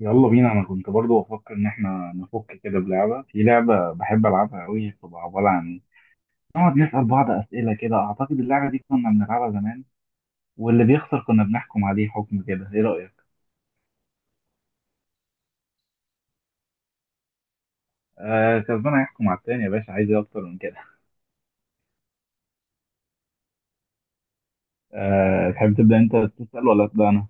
يلا بينا، انا كنت برضو بفكر ان احنا نفك كده بلعبه. في لعبه بحب العبها قوي، بتبقى عباره عن نقعد نسال بعض اسئله كده. اعتقد اللعبه دي كنا بنلعبها زمان، واللي بيخسر كنا بنحكم عليه حكم كده. ايه رايك؟ آه، كسبان هيحكم على التاني يا باشا. عايز ايه اكتر من كده؟ آه، تحب تبدا انت تسال ولا ابدا انا؟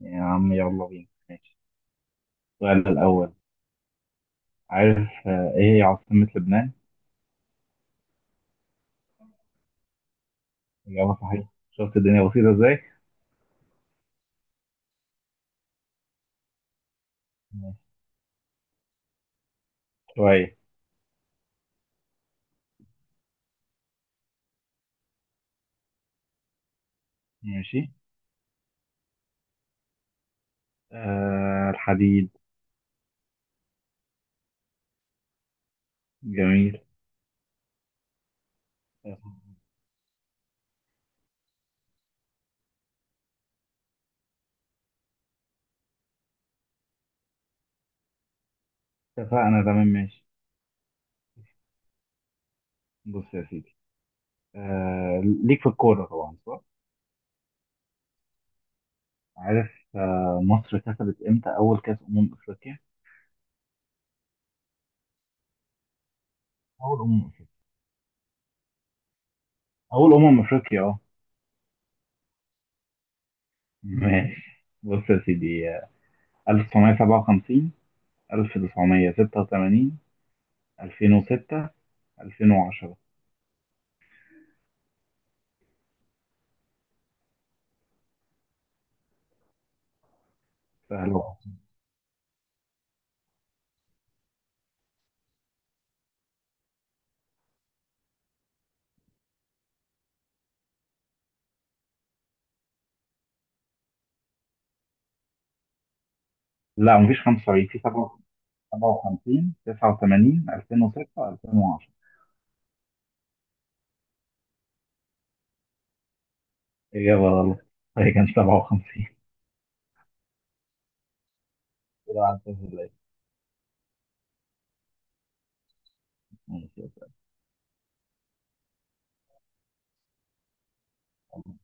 يا عم يلا بينا ماشي. السؤال الاول. عارف ايه هي عاصمه لبنان؟ اجابه صحيحه. شفت الدنيا بسيطه ازاي. ماشي. شويه. ماشي، آه، الحديد. جميل. اتفقنا تمام، ماشي. بص يا سيدي. ليك في الكورة طبعا صح؟ عارف. مصر كسبت امتى أول كأس أمم أفريقيا؟ أول أمم أفريقيا. أول أمم أفريقيا اه. ماشي، بص يا سيدي. 1957، 1986، 2006، 2010. سهل أهو. لا مفيش 75. في 57، 89، 2006، 2010. إجابة غلط، هي كانت 57. كده عدت في الليل. ماشي يا سيدي.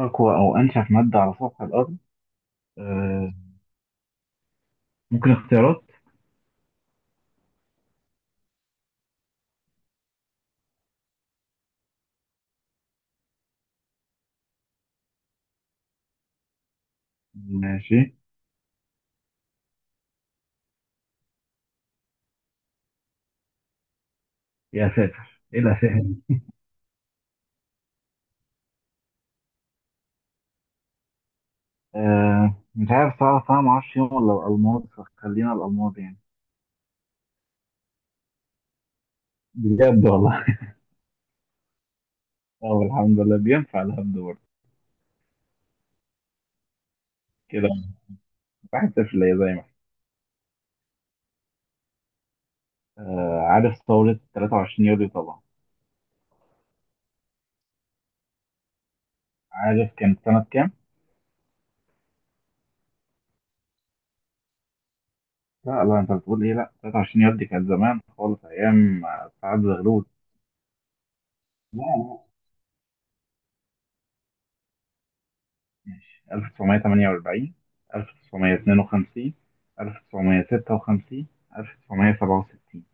أقوى أو أنشف مادة على سطح الأرض. آه، ممكن اختيارات. ماشي. يا ساتر، إيه الأسئلة. آه، مش عارف، صعب صعب، معرفش، يوم ولا الألماظ، فخلينا الألماظ يعني. بجد والله. أه، الحمد لله، بينفع الهبد برضه. كده واحد صفر ليا، زي ما إحنا. آه، عارف ثورة 23 يوليو طبعا. عارف كانت سنة كام؟ لا لا، أنت بتقول إيه؟ لا، 23 يوليو دي كانت زمان خالص، أيام سعد زغلول. لا، ماشي. 1948، 1952، 1956، 1967.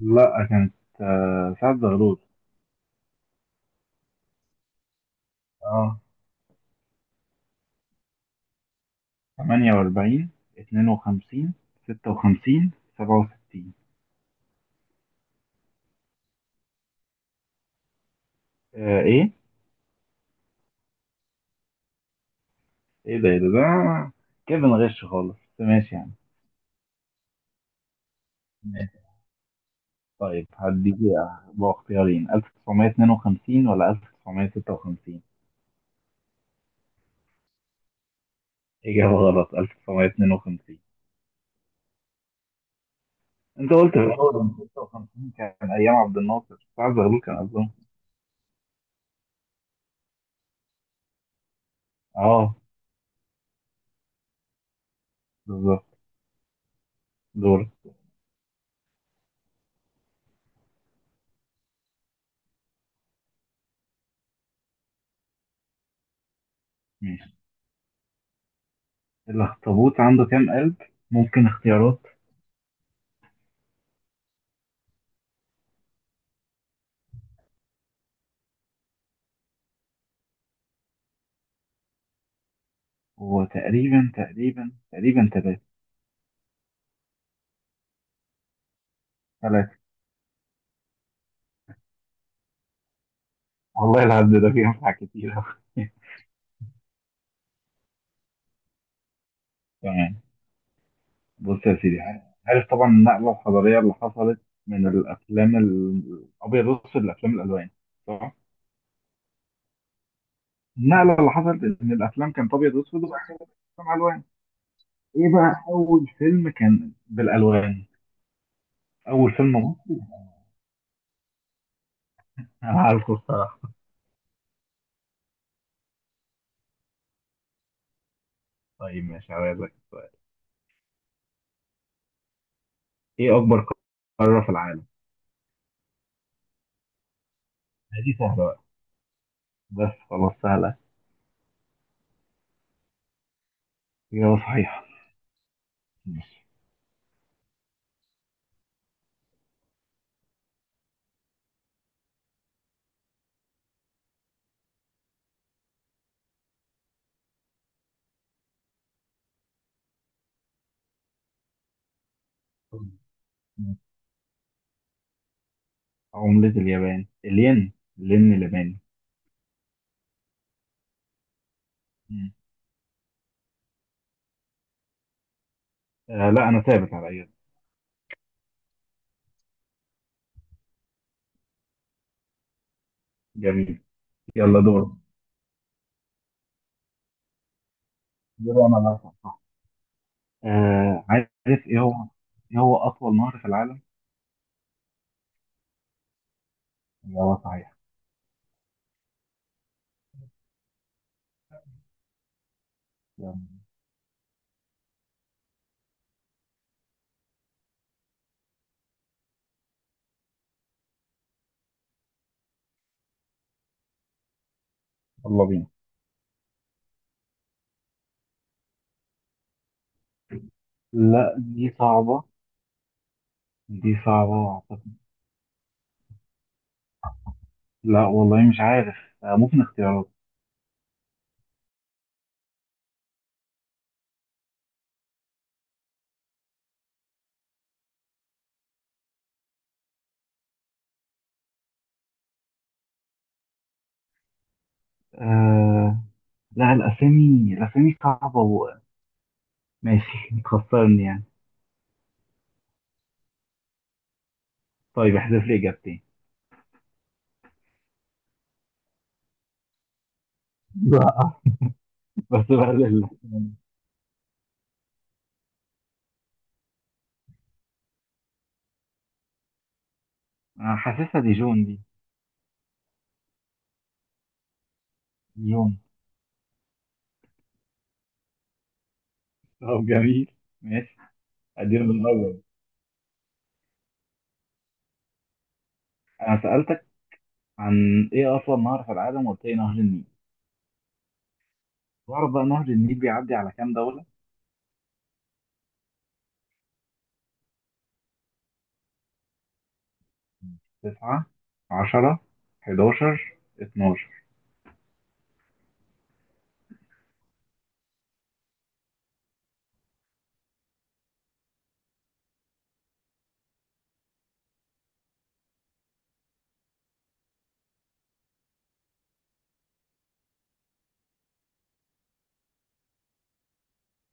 لا كانت سعد زغلول. اه، 48، 52، 56، 67. آه، ايه؟ ايه ده ايه ده ده. كده بنغش خالص، بس ماشي يعني. ماشي. طيب هديك بقى اختيارين، 1952 ولا 1956؟ إجابة غلط، 1952. انت قلت في الاول ان 56 كان ايام عبد الناصر. سعد زغلول كان قبلهم. اه، بالظبط. دور. ماشي. الاخطبوط عنده كام قلب؟ ممكن اختيارات. هو تقريبا تقريبا تقريبا ثلاثة. ثلاثة. والله العبد ده فيه أنفع كتير أوي. تمام. بص يا سيدي. عارف طبعا النقلة الحضارية اللي حصلت من الأفلام الأبيض والأسود لأفلام الألوان صح؟ النقلة اللي حصلت إن الأفلام كانت أبيض وأسود، وبعد كده بقت أفلام ألوان. إيه بقى أول فيلم كان بالألوان؟ أول فيلم مصري. أنا عارفه الصراحة. طيب ماشي، هسألك سؤال. إيه أكبر قارة في العالم؟ دي سهلة بقى. بس خلاص، سهلة. إجابة صحيحة. ماشي. عملة اليابان الين. الين الياباني. مم. آه، لا أنا ثابت على إجابة. جميل. يلا دور. دور أنا اللي هسأل صح. آه، عارف. إيه هو إيه هو أطول نهر في العالم؟ إجابة صحيحة. يلا. يلا بينا. لا دي صعبة. دي صعبة أعتقد. لا والله مش عارف. آه، ممكن اختيارات. آه، لا، الأسامي الأسامي صعبة و ماشي. تخسرني يعني. طيب احذف لي إجابتين. لا. بس بقلل. أنا حاسسها دي جون دي. جون. طب جميل. ماشي. أديله من الأول. أنا سألتك عن إيه أصلا؟ نهر في العالم، وقلت لي نهر النيل. تعرف بقى نهر النيل بيعدي على كام دولة؟ تسعة، عشرة، حداشر، اتناشر.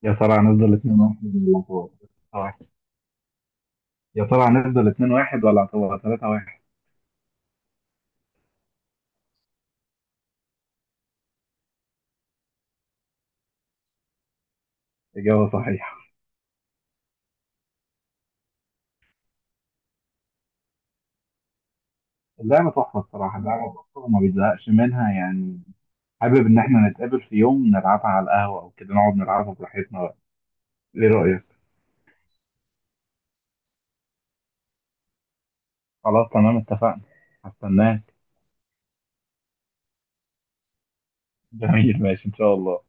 يا ترى هنفضل اتنين واحد ولا هتبقى- يا ترى هنفضل اتنين واحد ولا هتبقى تلاتة واحد؟ إجابة صحيحة. اللعبة تحفة الصراحة، اللعبة تحفة، وما بيزهقش منها يعني. حابب إن إحنا نتقابل في يوم نلعبها على القهوة أو كده، نقعد نلعبها براحتنا بقى. إيه رأيك؟ خلاص تمام، اتفقنا. هستناك. جميل، ماشي إن شاء الله.